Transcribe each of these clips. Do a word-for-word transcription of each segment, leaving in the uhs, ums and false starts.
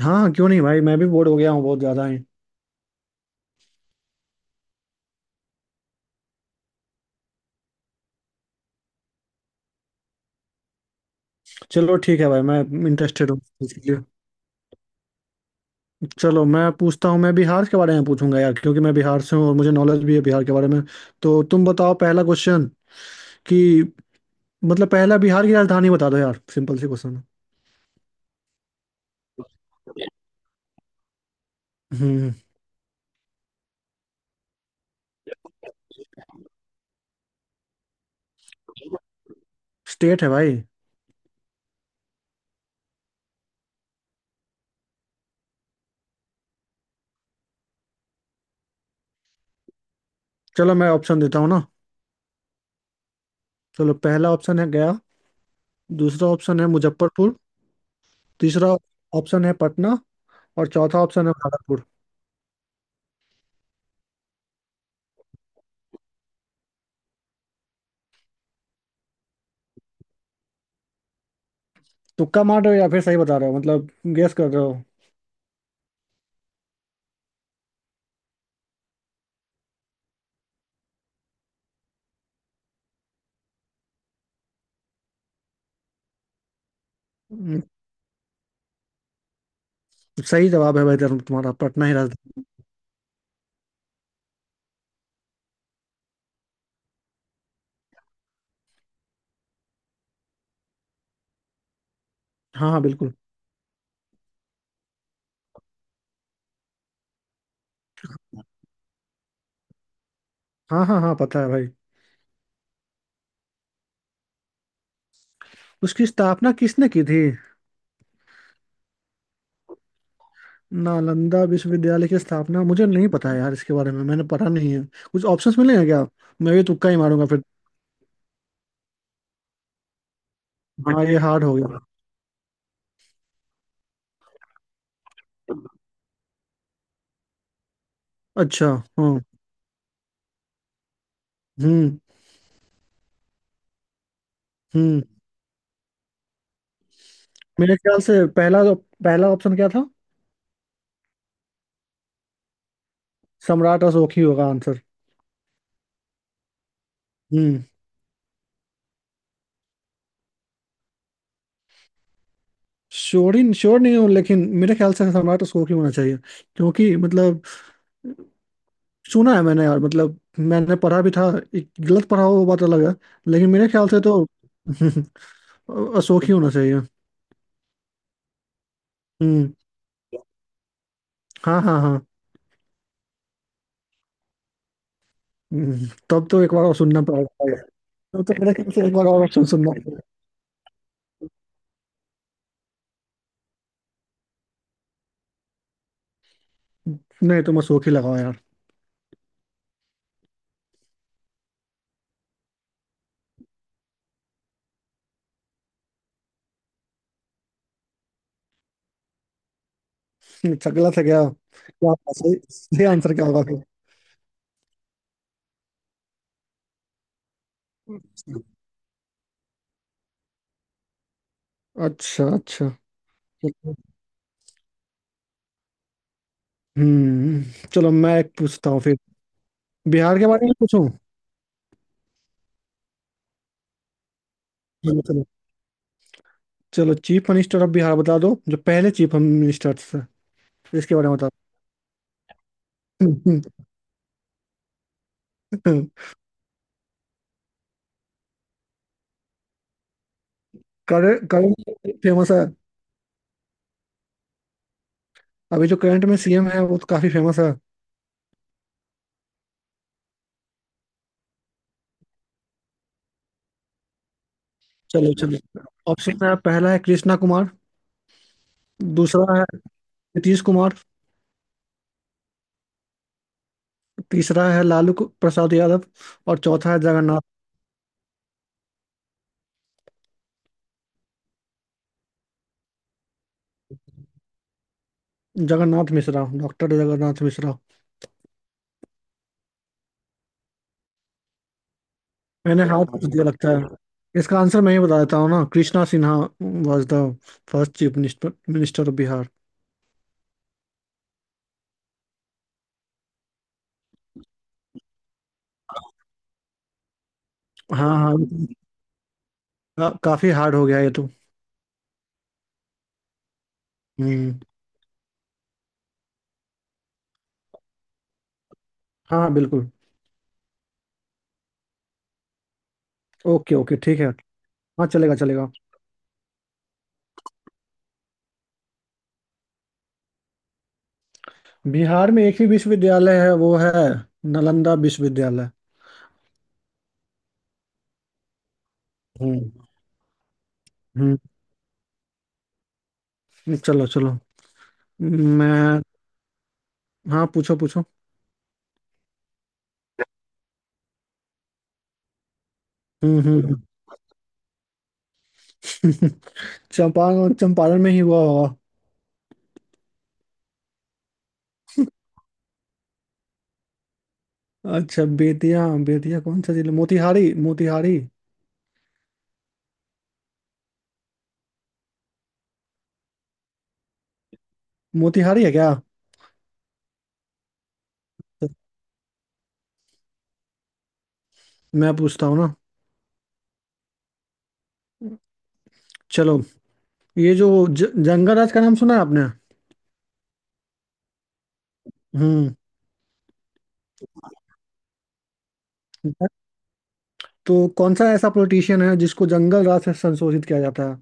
हाँ हाँ, क्यों नहीं भाई। मैं भी बोर हो गया हूँ बहुत ज्यादा ही। चलो ठीक है भाई, मैं इंटरेस्टेड हूँ इसके लिए। चलो मैं पूछता हूँ। मैं बिहार के बारे में पूछूंगा यार, क्योंकि मैं बिहार से हूँ और मुझे नॉलेज भी है बिहार के बारे में। तो तुम बताओ पहला क्वेश्चन। कि मतलब पहला, बिहार की राजधानी बता दो यार, सिंपल सी क्वेश्चन है। हम्म। स्टेट है भाई। चलो मैं ऑप्शन देता हूँ ना। चलो, पहला ऑप्शन है गया। दूसरा ऑप्शन है मुजफ्फरपुर। तीसरा ऑप्शन है पटना। और चौथा ऑप्शन है भागलपुर। तुक्का मार रहे हो या फिर सही बता रहे हो? मतलब गेस कर रहे हो? सही जवाब है भाई, धर्म तुम्हारा। पटना ही राजधानी। हाँ हाँ, बिल्कुल। हाँ हाँ हाँ, पता है भाई। उसकी स्थापना किसने की थी? नालंदा विश्वविद्यालय की स्थापना मुझे नहीं पता है यार, इसके बारे में मैंने पढ़ा नहीं है। कुछ ऑप्शंस मिलेंगे क्या? मैं भी तुक्का ही मारूंगा फिर। हाँ, ये हार्ड हो गया। अच्छा। हाँ। हम्म। हम्म। मेरे ख्याल से पहला पहला ऑप्शन क्या था? सम्राट अशोक ही होगा आंसर। हम्म। श्योर ही श्योर नहीं हूँ, लेकिन मेरे ख्याल से सम्राट अशोक ही होना चाहिए, क्योंकि मतलब सुना है मैंने यार, मतलब मैंने पढ़ा भी था। एक गलत पढ़ा हो वो बात अलग है, लेकिन मेरे ख्याल से तो अशोक ही होना चाहिए। हम्म। हाँ हाँ हाँ। हम्म, तब तो एक बार और सुनना पड़ेगा यार। तब तो मेरे ख्याल से एक बार और सुन सुनना पड़ेगा। नहीं, तुम अशोक ही लगाओ यार। अच्छा, गलत है क्या? क्या सही सही आंसर क्या होगा फिर? अच्छा अच्छा। हम्म। चलो मैं एक पूछता हूँ फिर। बिहार के बारे में पूछूं? चलो चलो, चीफ मिनिस्टर ऑफ बिहार बता दो, जो पहले चीफ मिनिस्टर थे। इसके बारे में बता। करंट करंट फेमस है? अभी जो करंट में सीएम है वो तो काफी फेमस है। चलो चलो। ऑप्शन में पहला है कृष्णा कुमार। दूसरा है नीतीश कुमार। तीसरा है लालू कु- प्रसाद यादव। और चौथा है जगन्नाथ। जगन्नाथ मिश्रा, डॉक्टर जगन्नाथ मिश्रा। मैंने हाथ पूछ दिया लगता है। इसका आंसर मैं ही बता देता हूँ ना। Krishna Sinha was the first chief minister minister of Bihar. हाँ हाँ। का, काफी हार्ड हो गया ये तो। हम्म। हाँ हाँ बिल्कुल। ओके ओके, ठीक है। हाँ, चलेगा चलेगा। बिहार में एक ही विश्वविद्यालय है, वो है नालंदा विश्वविद्यालय। हम्म। हम्म। चलो चलो। मैं। हाँ, पूछो पूछो। हम्म। हम्म। चंपारण, चंपारण में ही हुआ होगा। अच्छा, बेतिया बेतिया कौन सा जिला। मोतिहारी, मोतिहारी। मोतिहारी है क्या? मैं पूछता हूँ ना। चलो। ये जो ज, जंगल राज का नाम सुना है आपने? हम्म। तो कौन सा ऐसा पॉलिटिशियन है जिसको जंगल राज से संशोधित किया जाता है?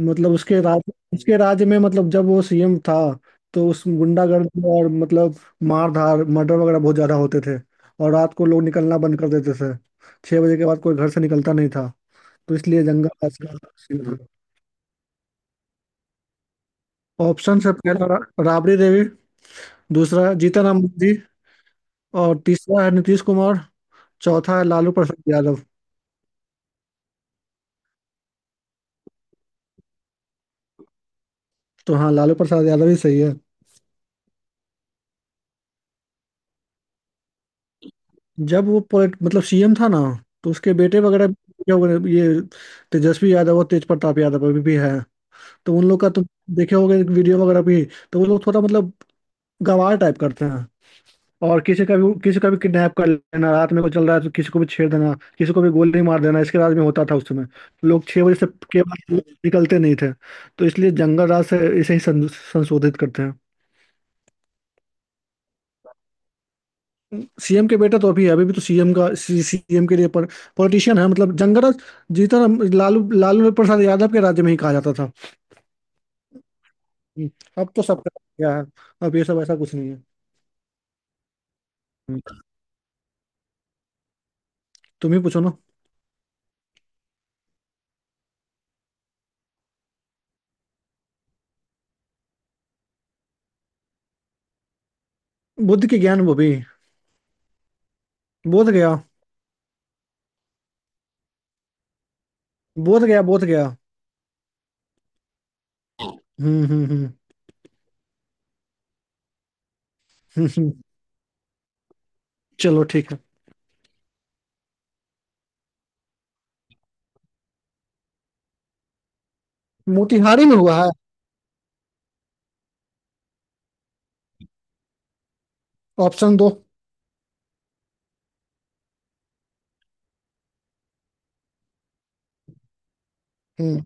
मतलब उसके राज उसके राज्य में, मतलब जब वो सीएम था, तो उस गुंडागर्दी, और मतलब मारधार मर्डर वगैरह बहुत ज्यादा होते थे। और रात को लोग निकलना बंद कर देते थे। छह बजे के बाद कोई घर से निकलता नहीं था। तो इसलिए दंगा का सीन था। ऑप्शन है, पहला रा- राबड़ी देवी। दूसरा जीतन राम मांझी। और तीसरा है नीतीश कुमार। चौथा है लालू प्रसाद यादव। तो हाँ, लालू प्रसाद यादव ही सही है। जब वो पोलिट मतलब सीएम था ना, तो उसके बेटे वगैरह भी हो गए, ये तेजस्वी यादव और तेज प्रताप यादव, अभी भी है। तो उन लोग का तुम देखे होगे वीडियो वगैरह भी। तो वो लोग थोड़ा मतलब गंवार टाइप करते हैं। और किसी का भी, किसी का भी किडनैप कर लेना, रात में कोई चल रहा है तो किसी को भी छेड़ देना, किसी को भी गोली मार देना, इसके राज में होता था उस समय। लोग छह बजे से के बाद निकलते नहीं थे। तो इसलिए जंगल राज से इसे ही सं- संशोधित करते हैं। सीएम के बेटा तो अभी है, अभी भी तो सीएम का सीएम के लिए पॉलिटिशियन है मतलब। जंगल राज जीतन राम- लालू लालू प्रसाद यादव के राज्य में ही कहा जाता था। हम्म, अब तो सब क्या है। अब ये सब ऐसा कुछ नहीं है। हम्म, तुम ही पूछो ना। बुद्ध की ज्ञान, वो भी बोध गया। बोध गया, बोध गया। हम्म हम्म हम्म। हम्म, हम्म। चलो ठीक है। मोतिहारी में हुआ है? ऑप्शन दो। हम्म।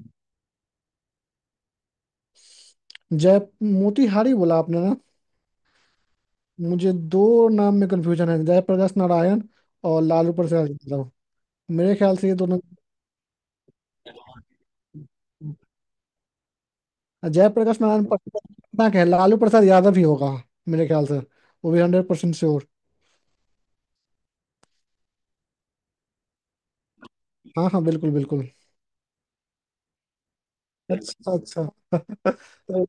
जय मोतिहारी बोला आपने ना? मुझे दो नाम में कंफ्यूजन है, जयप्रकाश नारायण और लालू प्रसाद यादव। मेरे ख्याल से ये दोनों। जयप्रकाश नारायण पटना के हैं, लालू प्रसाद यादव ही होगा मेरे ख्याल से। वो भी हंड्रेड परसेंट श्योर। हाँ हाँ, बिल्कुल बिल्कुल। अच्छा अच्छा। तो-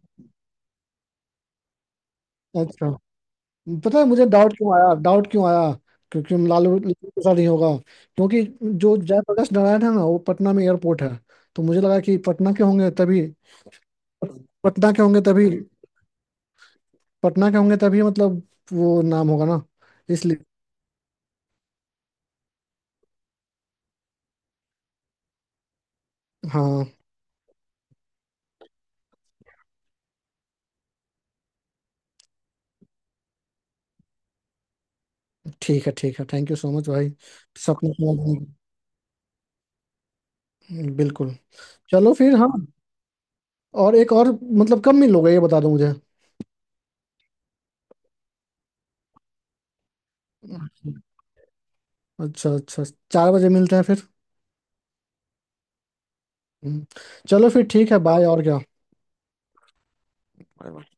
अच्छा, पता है मुझे डाउट क्यों आया, डाउट क्यों आया? क्योंकि लालू लालू के साथ ही होगा, क्योंकि जो जयप्रकाश नारायण है ना, वो पटना में एयरपोर्ट है। तो मुझे लगा कि पटना के होंगे तभी। पटना के होंगे तभी। पटना के होंगे तभी, मतलब वो नाम होगा ना, इसलिए। हाँ। ठीक है ठीक है, थैंक यू सो मच भाई। सपने को, हम्म। बिल्कुल। चलो फिर हाँ। और एक और, मतलब कब मिलोगे ये बता दो मुझे। अच्छा अच्छा। चार बजे मिलते हैं फिर। हम्म, चलो फिर, ठीक है बाय। और क्या?